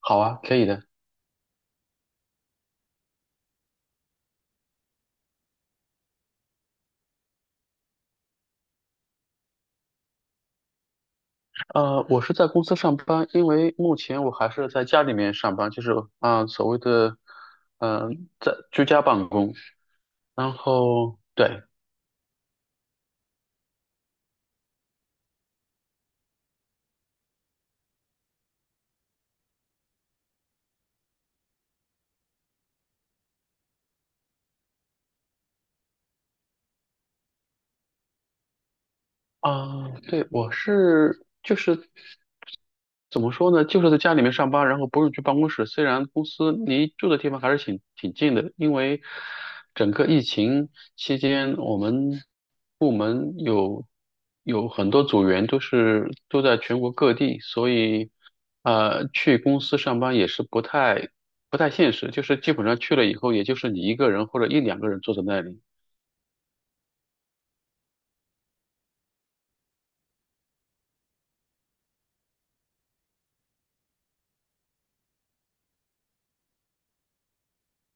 好啊，可以的。我是在公司上班，因为目前我还是在家里面上班，就是所谓的嗯、呃在居家办公。然后对，啊，对，我是就是怎么说呢，就是在家里面上班，然后不用去办公室。虽然公司离住的地方还是挺近的，因为整个疫情期间，我们部门有很多组员都在全国各地，所以去公司上班也是不太现实，就是基本上去了以后，也就是你一个人或者一两个人坐在那里。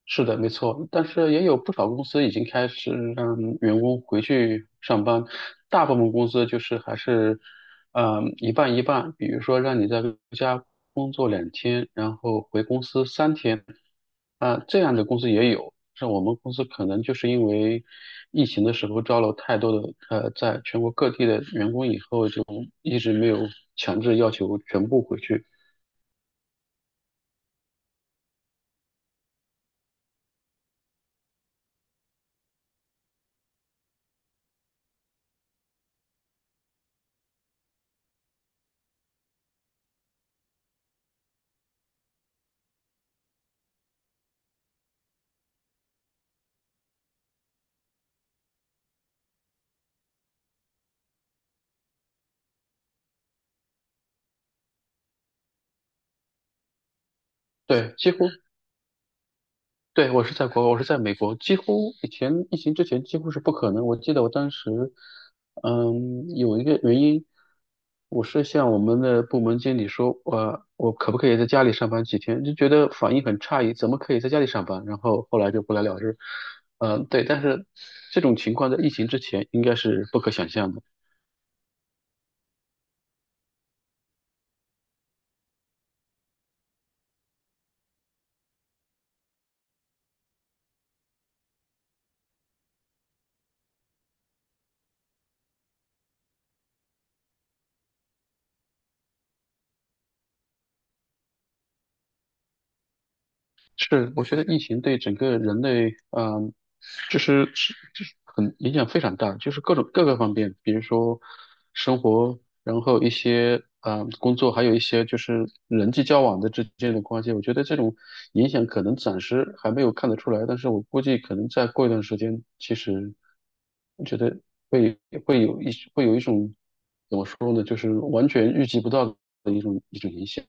是的，没错，但是也有不少公司已经开始让员工回去上班，大部分公司就是还是，嗯，一半一半，比如说让你在家工作两天，然后回公司三天，这样的公司也有，像我们公司可能就是因为疫情的时候招了太多的在全国各地的员工以后，就一直没有强制要求全部回去。对，几乎对，我是在国外，我是在美国，几乎以前疫情之前几乎是不可能。我记得我当时，嗯，有一个原因，我是向我们的部门经理说，我可不可以在家里上班几天？就觉得反应很诧异，怎么可以在家里上班？然后后来就不了了之。嗯，对，但是这种情况在疫情之前应该是不可想象的。是，我觉得疫情对整个人类，就是很影响非常大，就是各种各个方面，比如说生活，然后一些工作，还有一些就是人际交往的之间的关系。我觉得这种影响可能暂时还没有看得出来，但是我估计可能再过一段时间，其实我觉得会会有一种怎么说呢，就是完全预计不到的一种影响。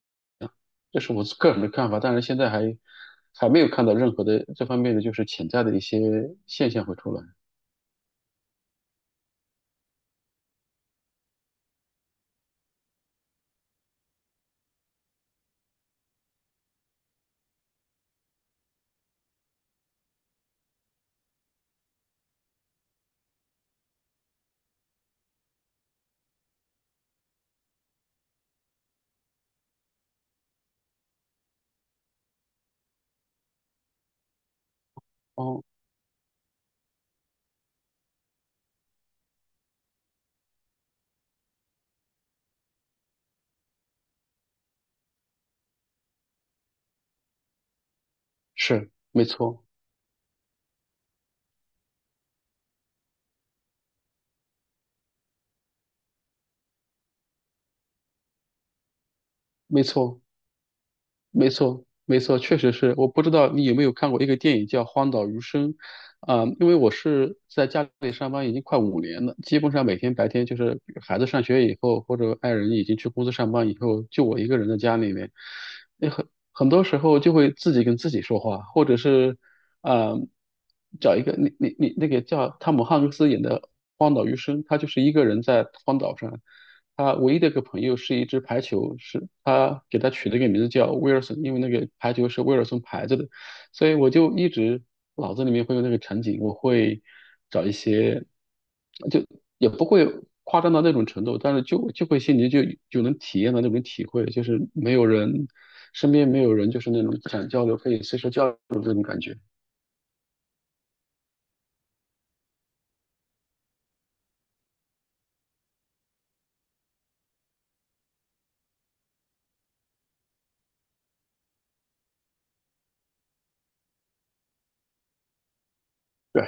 这是我个人的看法，但是现在还还没有看到任何的这方面的就是潜在的一些现象会出来。哦，是，没错，没错。没错，没错，确实是。我不知道你有没有看过一个电影叫《荒岛余生》，因为我是在家里上班已经快五年了，基本上每天白天就是孩子上学以后，或者爱人已经去公司上班以后，就我一个人在家里面，那很多时候就会自己跟自己说话，或者是啊、找一个你那个叫汤姆汉克斯演的《荒岛余生》，他就是一个人在荒岛上，他唯一的一个朋友是一只排球，是他给他取了一个名字叫威尔森，因为那个排球是威尔森牌子的，所以我就一直脑子里面会有那个场景，我会找一些，就也不会夸张到那种程度，但是就会心里就能体验到那种体会，就是没有人身边没有人，就是那种想交流可以随时交流的这种感觉。对。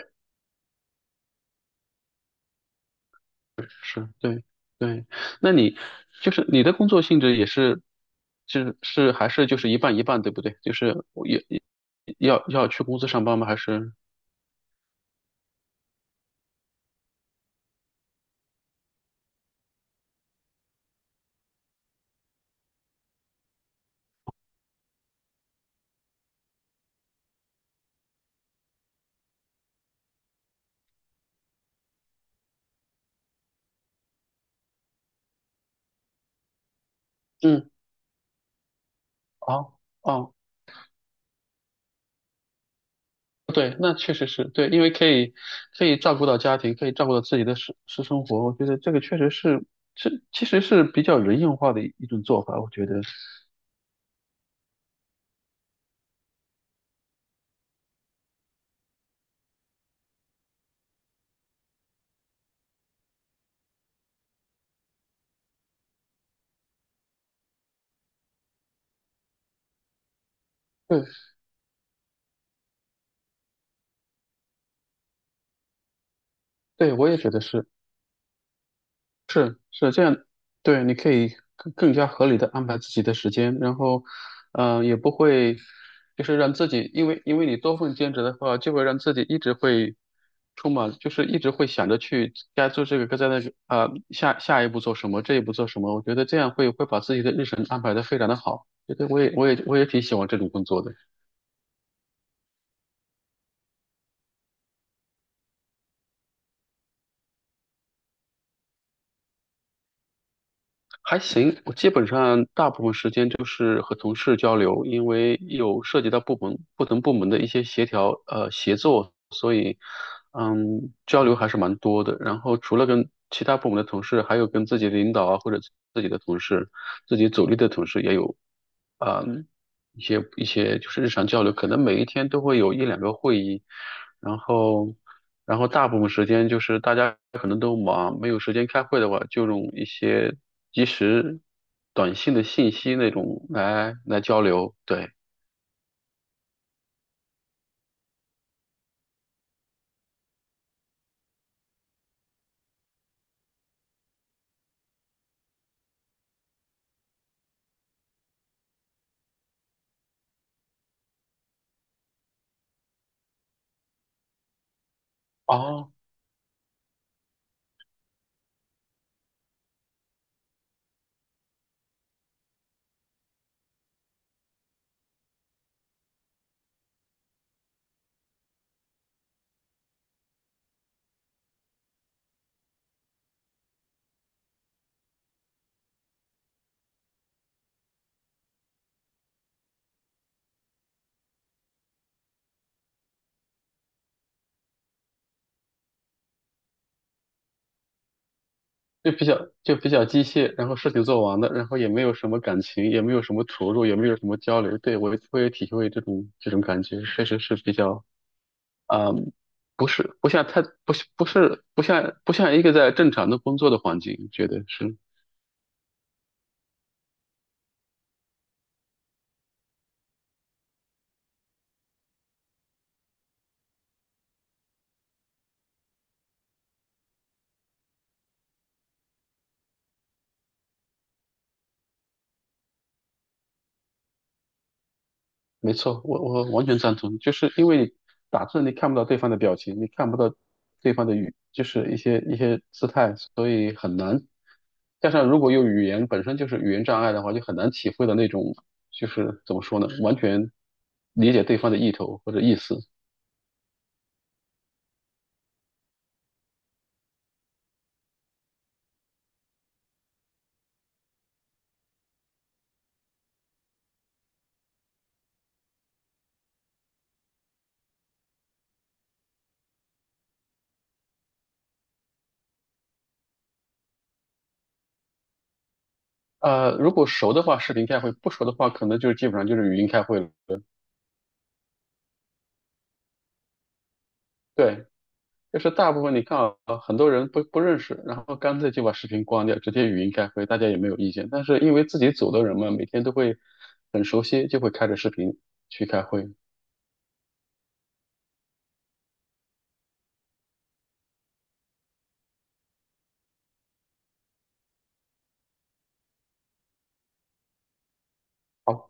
是，对对。那你就是你的工作性质也是，就是是还是就是一半一半，对不对？就是我也要去公司上班吗？还是？嗯，哦哦，对，那确实是对，因为可以可以照顾到家庭，可以照顾到自己的私生活，我觉得这个确实是其实是比较人性化的一种做法，我觉得，对对，我也觉得是。是这样，对，你可以更加合理的安排自己的时间，然后，嗯，也不会就是让自己，因为你多份兼职的话，就会让自己一直会充满，就是一直会想着去该做这个，该在那个，下一步做什么，这一步做什么，我觉得这样会把自己的日程安排的非常的好，觉得我也挺喜欢这种工作的。还行，我基本上大部分时间就是和同事交流，因为有涉及到不同部门的一些协调协作，所以嗯交流还是蛮多的。然后除了跟其他部门的同事，还有跟自己的领导啊或者自己的同事、自己组里的同事也有嗯，一些就是日常交流，可能每一天都会有一两个会议，然后然后大部分时间就是大家可能都忙，没有时间开会的话，就用一些即时短信的信息那种来交流，对，哦。就比较机械，然后事情做完了，然后也没有什么感情，也没有什么投入，也没有什么交流。对，我会体会这种感觉，确实是比较嗯，不是，不像太，不是，不是，不像，不像一个在正常的工作的环境，觉得是没错，我完全赞同，就是因为你打字你看不到对方的表情，你看不到对方的语，就是一些姿态，所以很难。加上如果有语言本身就是语言障碍的话，就很难体会到那种就是怎么说呢，完全理解对方的意图或者意思。呃，如果熟的话，视频开会；不熟的话，可能就是基本上就是语音开会了。对，就是大部分你看啊，很多人不认识，然后干脆就把视频关掉，直接语音开会，大家也没有意见。但是因为自己组的人嘛，每天都会很熟悉，就会开着视频去开会。好。